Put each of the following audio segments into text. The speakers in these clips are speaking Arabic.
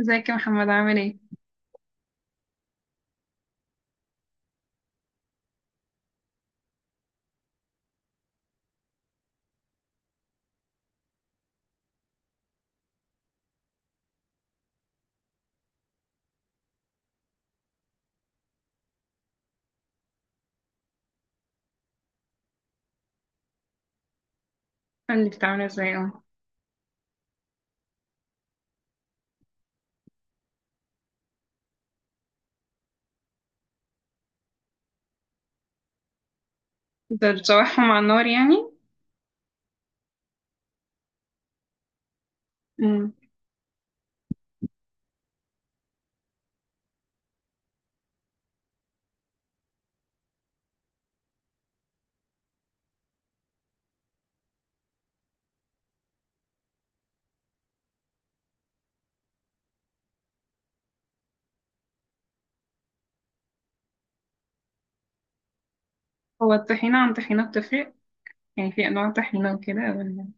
ازيك يا محمد عامل ايه؟ قولي بتعمل ازاي اه. تقدر تشوحهم على النار يعني؟ مم. هو الطحينة عن طحينة بتفرق؟ يعني في انواع طحينة وكده ولا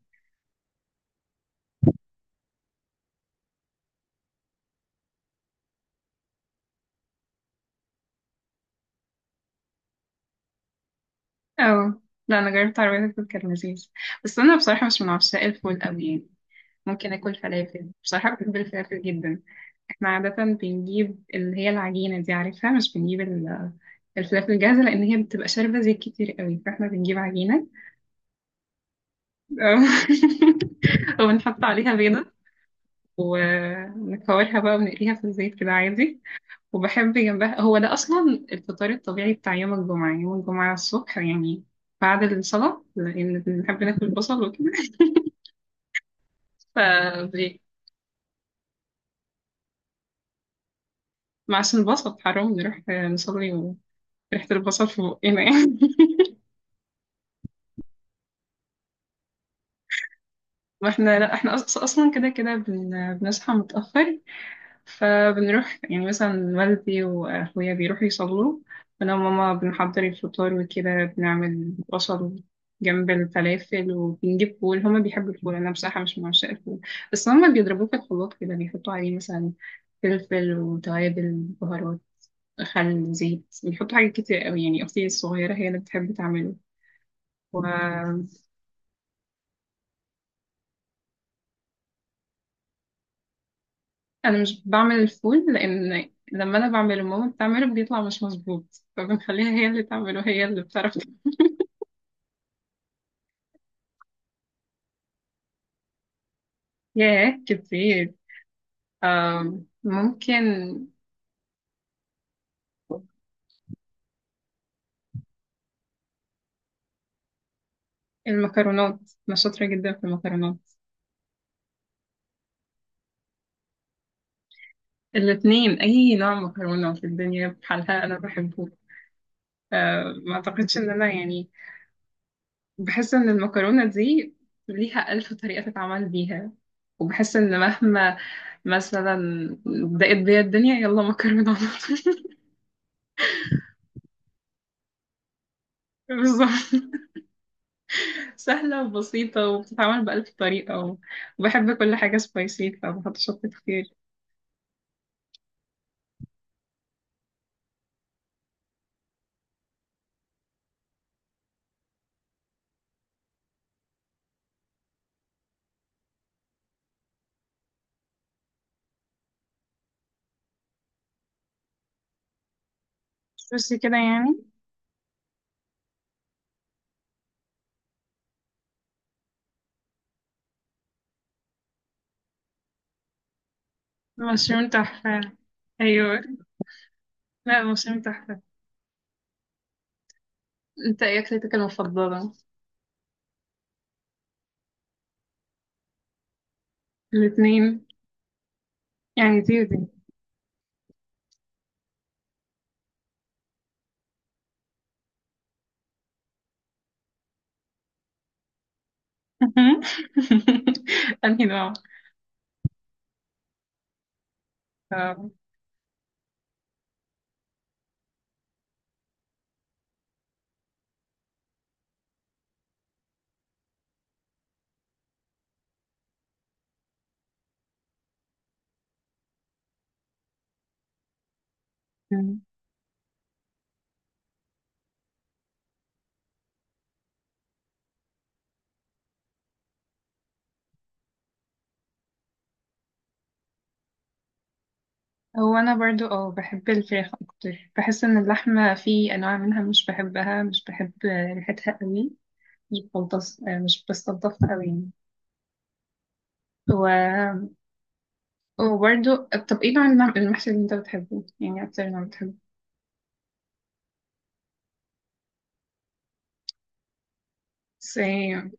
اه. لا انا جربت عربية الفول كان لذيذ، بس انا بصراحة مش من عشاق الفول قوي يعني. ممكن اكل فلافل، بصراحة بحب الفلافل جدا. احنا عادة بنجيب اللي هي العجينة دي، عارفها؟ مش بنجيب الفلافل الجاهزة لأن هي بتبقى شاربة زيت كتير قوي، فاحنا بنجيب عجينة وبنحط عليها بيضة ونكورها بقى ونقليها في الزيت كده عادي. وبحب جنبها، هو ده أصلا الفطار الطبيعي بتاع يوم الجمعة، يوم الجمعة الصبح يعني، بعد الصلاة، لأن بنحب ناكل بصل وكده. ف معسل البصل حرام نروح نصلي وريحة البصل في بقنا يعني. ما احنا، لا احنا أصلا كده بنصحى متأخر، فبنروح يعني مثلا والدي وأخويا بيروحوا يصلوا، أنا وماما بنحضر الفطار وكده، بنعمل بصل جنب الفلافل وبنجيب فول، هما بيحبوا الفول، أنا بصراحة مش من عشاق الفول. بس هما بيضربوه في الخلاط كده، بيحطوا عليه مثلا فلفل وتوابل، بهارات، خل، زيت، بيحطوا حاجات كتير قوي يعني. أختي الصغيرة هي اللي بتحب تعمله، وأنا مش بعمل الفول، لأن لما أنا بعمله ماما بتعمله بيطلع مش مظبوط، فبنخليها هي اللي تعمله، هي اللي بتعرف. ياه، كتير. ممكن المكرونات، أنا شاطرة جدا في المكرونات. الاتنين، أي نوع مكرونة في الدنيا بحالها أنا بحبه. ما أعتقدش إن أنا يعني، بحس إن المكرونة دي ليها ألف طريقة تتعمل بيها، وبحس إن مهما مثلا ضاقت بيا الدنيا، يلا مكرونة على طول. بالظبط، سهلة وبسيطة وبتتعمل بألف طريقة، وبحب كل حاجة سبايسي فبحط شطة كتير. بس كده يعني. مشروم تحفة، أيوة. لا مشروم تحفة. أنت إيه أكلتك المفضلة؟ الاتنين، يعني دي ودي. أنهي نوع؟ آه. هو أنا برضو أه بحب الفراخ أكتر، بحس إن اللحمة في أنواع منها مش بحبها، مش بحب ريحتها قوي، بستلطف، مش بستلطفها قوي يعني. و... وبرضو، طب إيه نوع المحشي اللي أنت بتحبه؟ يعني أكتر نوع بتحبه؟ Same،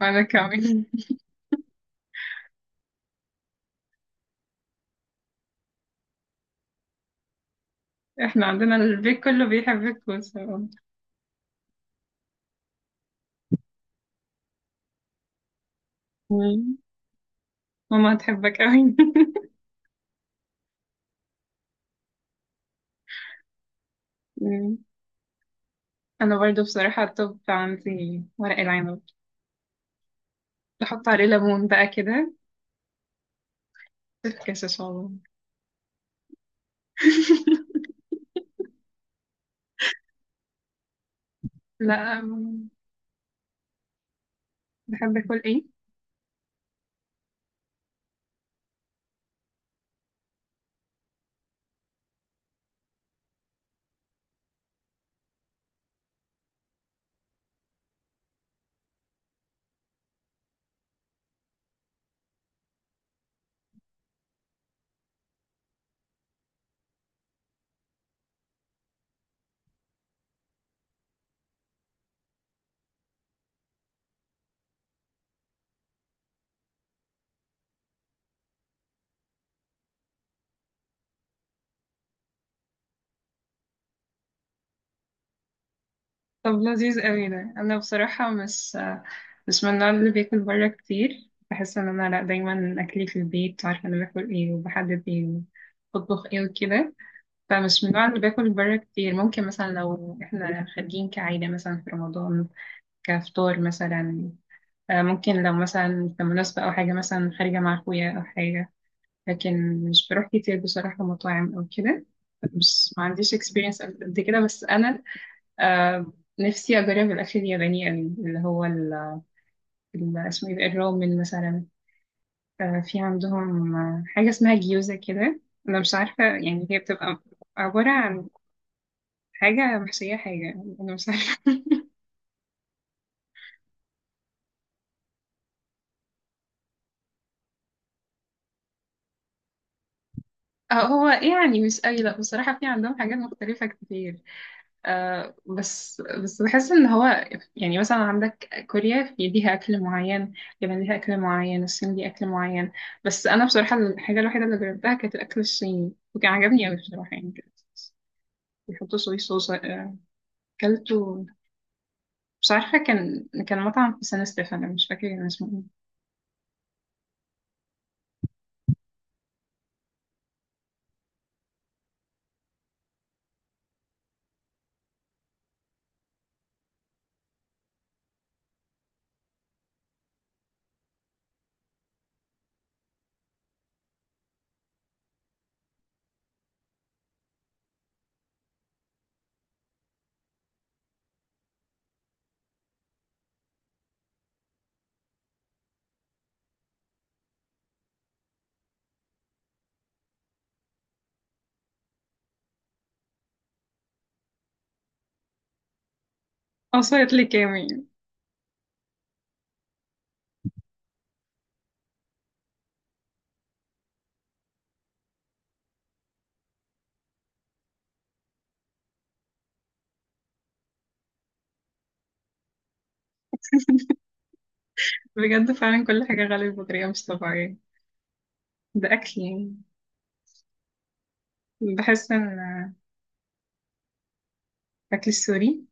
وأنا كمان. احنا عندنا البيت كله بيحبك بصراحة. مم. ماما هتحبك قوي. مم. انا برضو بصراحة الطب عندي ورق العنب، بحط عليه ليمون بقى كده، تفكس ان شاء الله. لا. بحب اكل ايه؟ طب لذيذ قوي ده، انا بصراحة مش مش من النوع اللي بياكل بره كتير، بحس ان انا لا، دايما اكلي في البيت، عارفة انا باكل ايه، وبحدد ايه وبطبخ ايه وكده. فمش من النوع اللي باكل بره كتير، ممكن مثلا لو احنا خارجين كعيلة مثلا في رمضان كفطار مثلا، ممكن لو مثلا في مناسبة أو حاجة، مثلا خارجة مع أخويا أو حاجة، لكن مش بروح كتير بصراحة مطاعم أو كده. مش، ما عنديش experience قد كده، بس أنا آه، نفسي أجرب الأكل الياباني أوي، اللي هو اسمه إيه ده؟ الرومن مثلا، في عندهم حاجة اسمها جيوزا كده، أنا مش عارفة يعني، هي بتبقى عبارة عن حاجة محشية حاجة، أنا مش عارفة. هو يعني مش أي، لأ بصراحة في عندهم حاجات مختلفة كتير، بس بحس إن هو يعني، مثلا عندك كوريا في ليها أكل معين، اليابان ليها أكل معين، الصين ليها أكل معين، بس أنا بصراحة الحاجة الوحيدة اللي جربتها كانت الأكل الصيني، وكان عجبني أوي بصراحة يعني، كان بيحطوا صويا صوص. أكلته، مش عارفة، كان كان مطعم في سان ستيفانو، مش فاكرة كان اسمه إيه، أو صيد لي كامي. بجد فعلا كل حاجة غالية بطريقة مش طبيعية، بأكل يعني، بحس إن الأكل السوري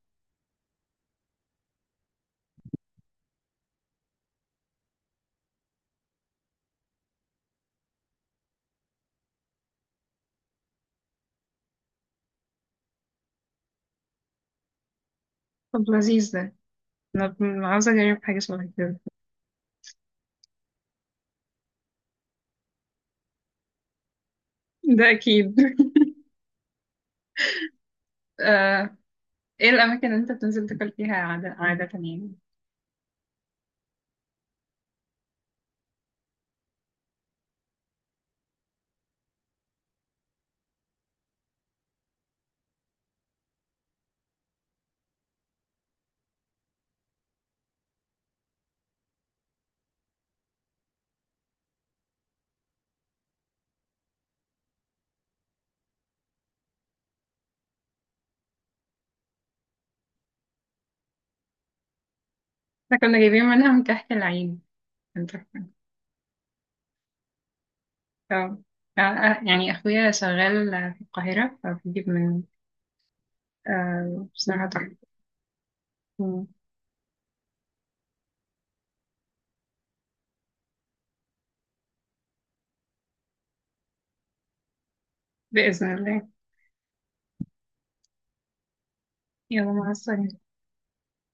طب لذيذ ده، أنا عاوزة أجرب حاجة شبه كده. ده أكيد. آه، إيه الأماكن اللي أنت بتنزل تاكل فيها عادة, عادة يعني؟ إحنا كنا جايبين منها من كحك العين، أنت فاهم؟ آه، آه، آه، يعني أخويا شغال في القاهرة فبيجيب من، بصراحة تحفة. مم. بإذن الله، يلا مع السلامة.